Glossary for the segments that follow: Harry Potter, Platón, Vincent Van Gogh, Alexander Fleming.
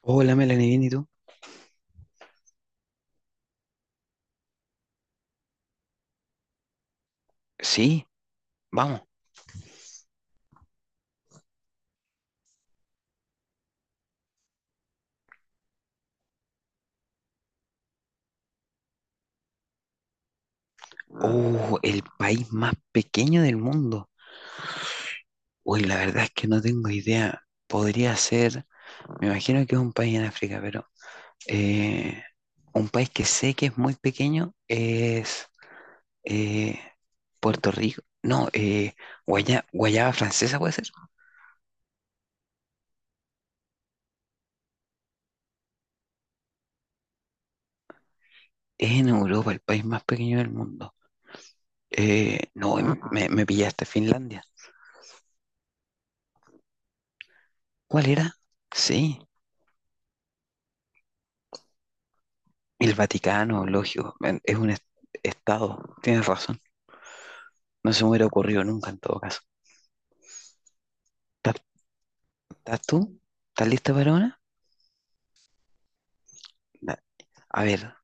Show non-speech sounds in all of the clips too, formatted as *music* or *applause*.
Hola, Melanie, ¿bien y tú? Sí, vamos. Oh, el país más pequeño del mundo. Uy, la verdad es que no tengo idea. Podría ser, me imagino que es un país en África, pero eh, un país que sé que es muy pequeño es eh, Puerto Rico. No, Guayana Francesa puede ser. Es en Europa, el país más pequeño del mundo. No, me pillaste Finlandia. ¿Cuál era? Sí. El Vaticano, lógico, es un estado, tienes razón. No se me hubiera ocurrido nunca en todo caso. ¿Estás ¿Estás tú? ¿Estás lista para una? Da- A ver,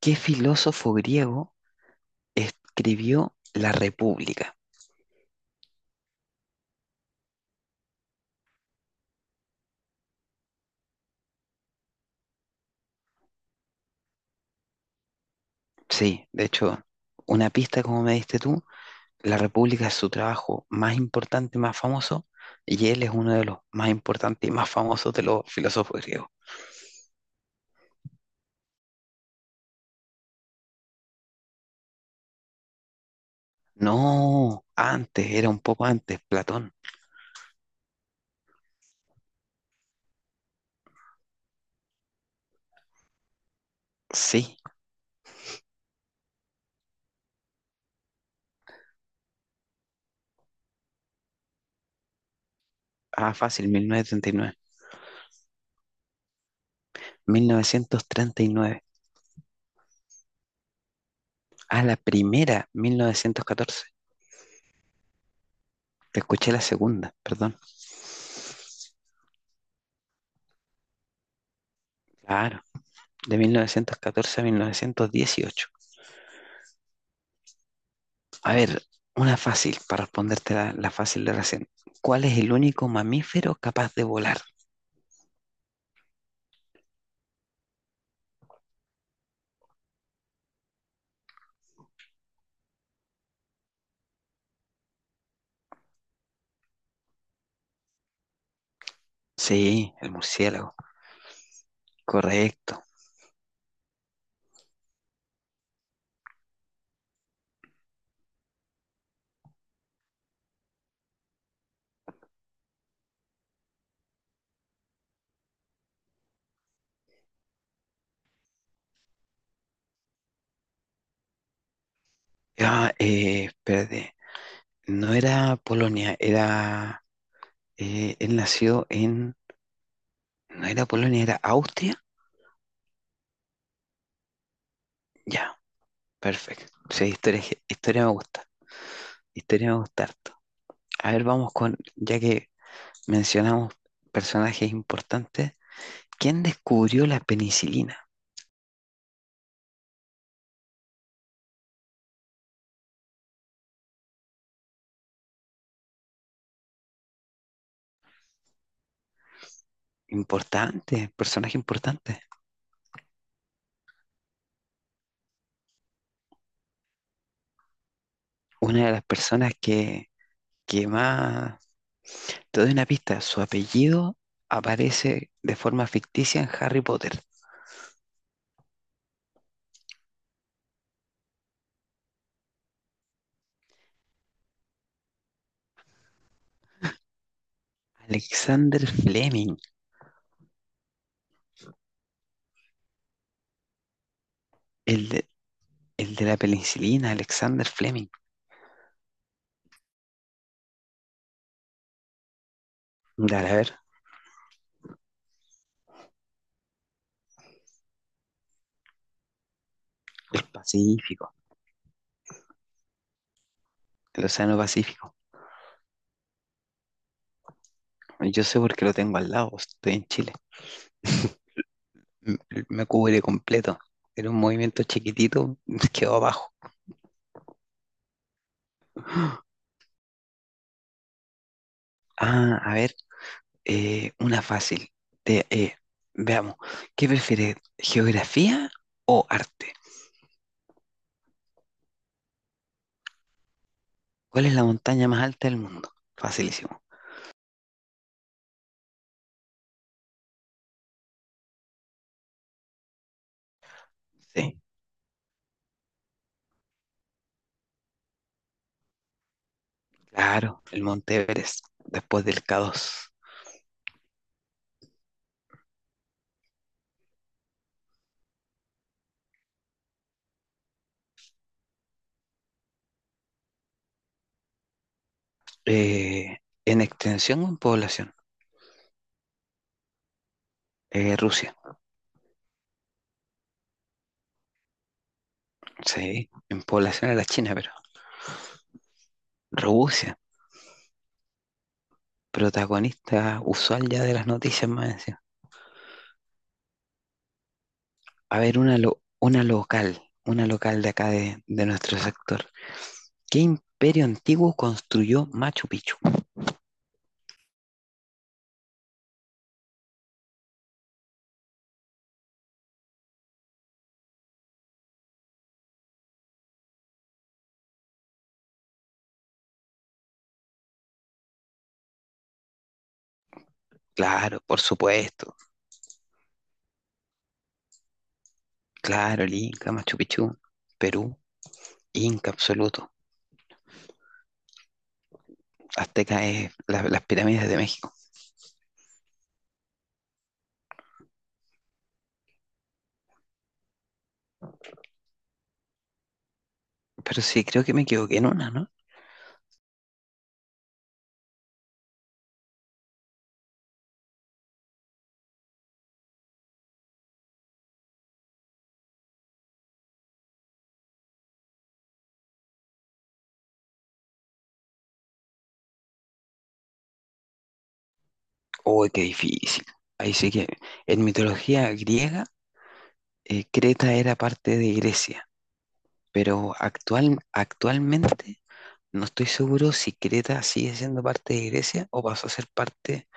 ¿qué filósofo griego escribió La República? Sí, de hecho, una pista como me diste tú, La República es su trabajo más importante, más famoso, y él es uno de los más importantes y más famosos de los filósofos griegos. No, antes, era un poco antes, Platón. Sí, ah, fácil, 1939. 1939. Ah, la primera, 1914. Te escuché la segunda, perdón. Claro, de 1914 a 1918. A ver, una fácil, para responderte la fácil de recién. ¿Cuál es el único mamífero capaz de volar? Sí, el murciélago. Correcto. Ah, espérate. No era Polonia, era... él nació en... No era Polonia, era Austria. Ya, perfecto. Sí, historia, historia me gusta. Historia me gusta harto. A ver, vamos con, ya que mencionamos personajes importantes, ¿quién descubrió la penicilina? Importante, personaje importante. Una de las personas que más... Te doy una pista, su apellido aparece de forma ficticia en Harry Potter. Alexander Fleming, el de, el de la penicilina, Alexander Fleming. Dale, a ver, Pacífico, el Océano Pacífico. Yo sé porque lo tengo al lado, estoy en Chile. m- Me cubre completo. Era un movimiento chiquitito, *laughs* quedó abajo. Ah, a ver, una fácil. Te- eh, veamos, ¿qué prefieres, geografía o arte? ¿Cuál es la montaña más alta del mundo? Facilísimo. Sí, claro, el Monte Everest, después del K2. Eh, ¿En extensión o en población? Rusia, sí, en población era China, pero Rusia, protagonista usual ya de las noticias más. A ver, una, una local de acá de nuestro sector. ¿Qué imperio antiguo construyó Machu Picchu? Claro, por supuesto. Claro, el Inca, Machu Picchu, Perú, Inca absoluto. Azteca es las pirámides de México. Pero sí, creo que me equivoqué en una, ¿no? Uy, qué difícil. Ahí sí que en mitología griega, Creta era parte de Grecia, pero actualmente no estoy seguro si Creta sigue siendo parte de Grecia o pasó a ser parte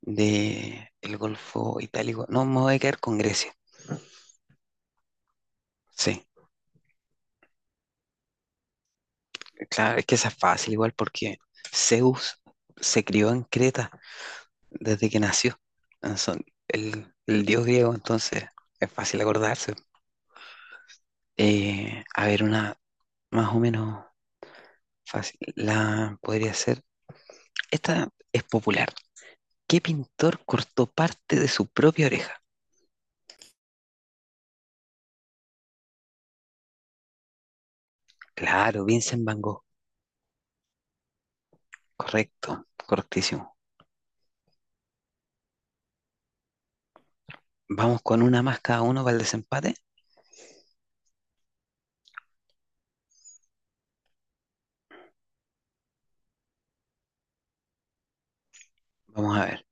de el Golfo Itálico. No, me voy a quedar con Grecia. Sí, claro, es que esa es fácil igual porque Zeus se crió en Creta desde que nació. Ah, el dios griego, entonces es fácil acordarse. A ver, una más o menos fácil. La podría ser. Esta es popular. ¿Qué pintor cortó parte de su propia oreja? Claro, Vincent Van Gogh. Correcto, correctísimo. Vamos con una más cada uno para el desempate. Vamos a ver.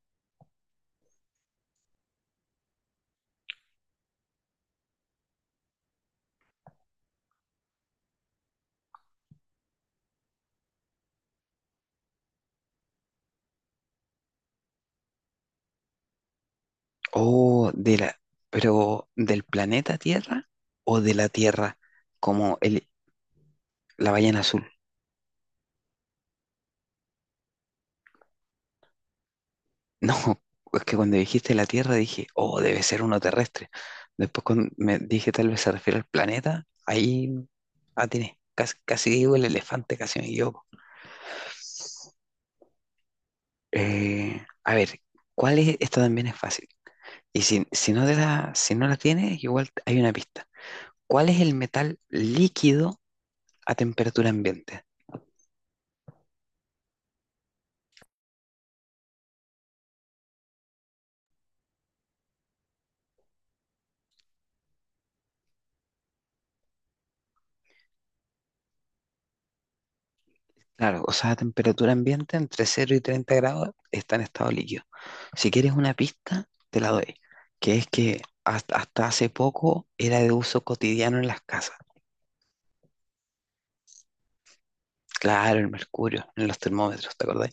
O de la, pero ¿del planeta Tierra o de la Tierra como la ballena azul? *laughs* No, es que cuando dijiste la Tierra dije, oh, debe ser uno terrestre. Después cuando me dije tal vez se refiere al planeta, ahí atiné. Casi, casi digo el elefante, casi me equivoco. A ver, ¿cuál es? Esta también es fácil. Y si no te la, si no la tienes, igual hay una pista. ¿Cuál es el metal líquido a temperatura ambiente? Claro, o sea, a temperatura ambiente entre cero y 30 grados está en estado líquido. Si quieres una pista, te la doy, que es que hasta hace poco era de uso cotidiano en las casas. Claro, el mercurio, en los termómetros, ¿te acordáis?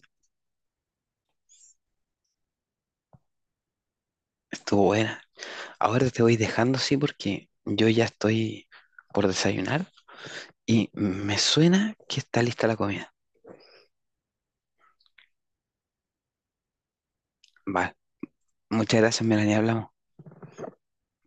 Estuvo buena. Ahora te voy dejando así porque yo ya estoy por desayunar y me suena que está lista la comida. Vale, muchas gracias, Melanie, hablamos.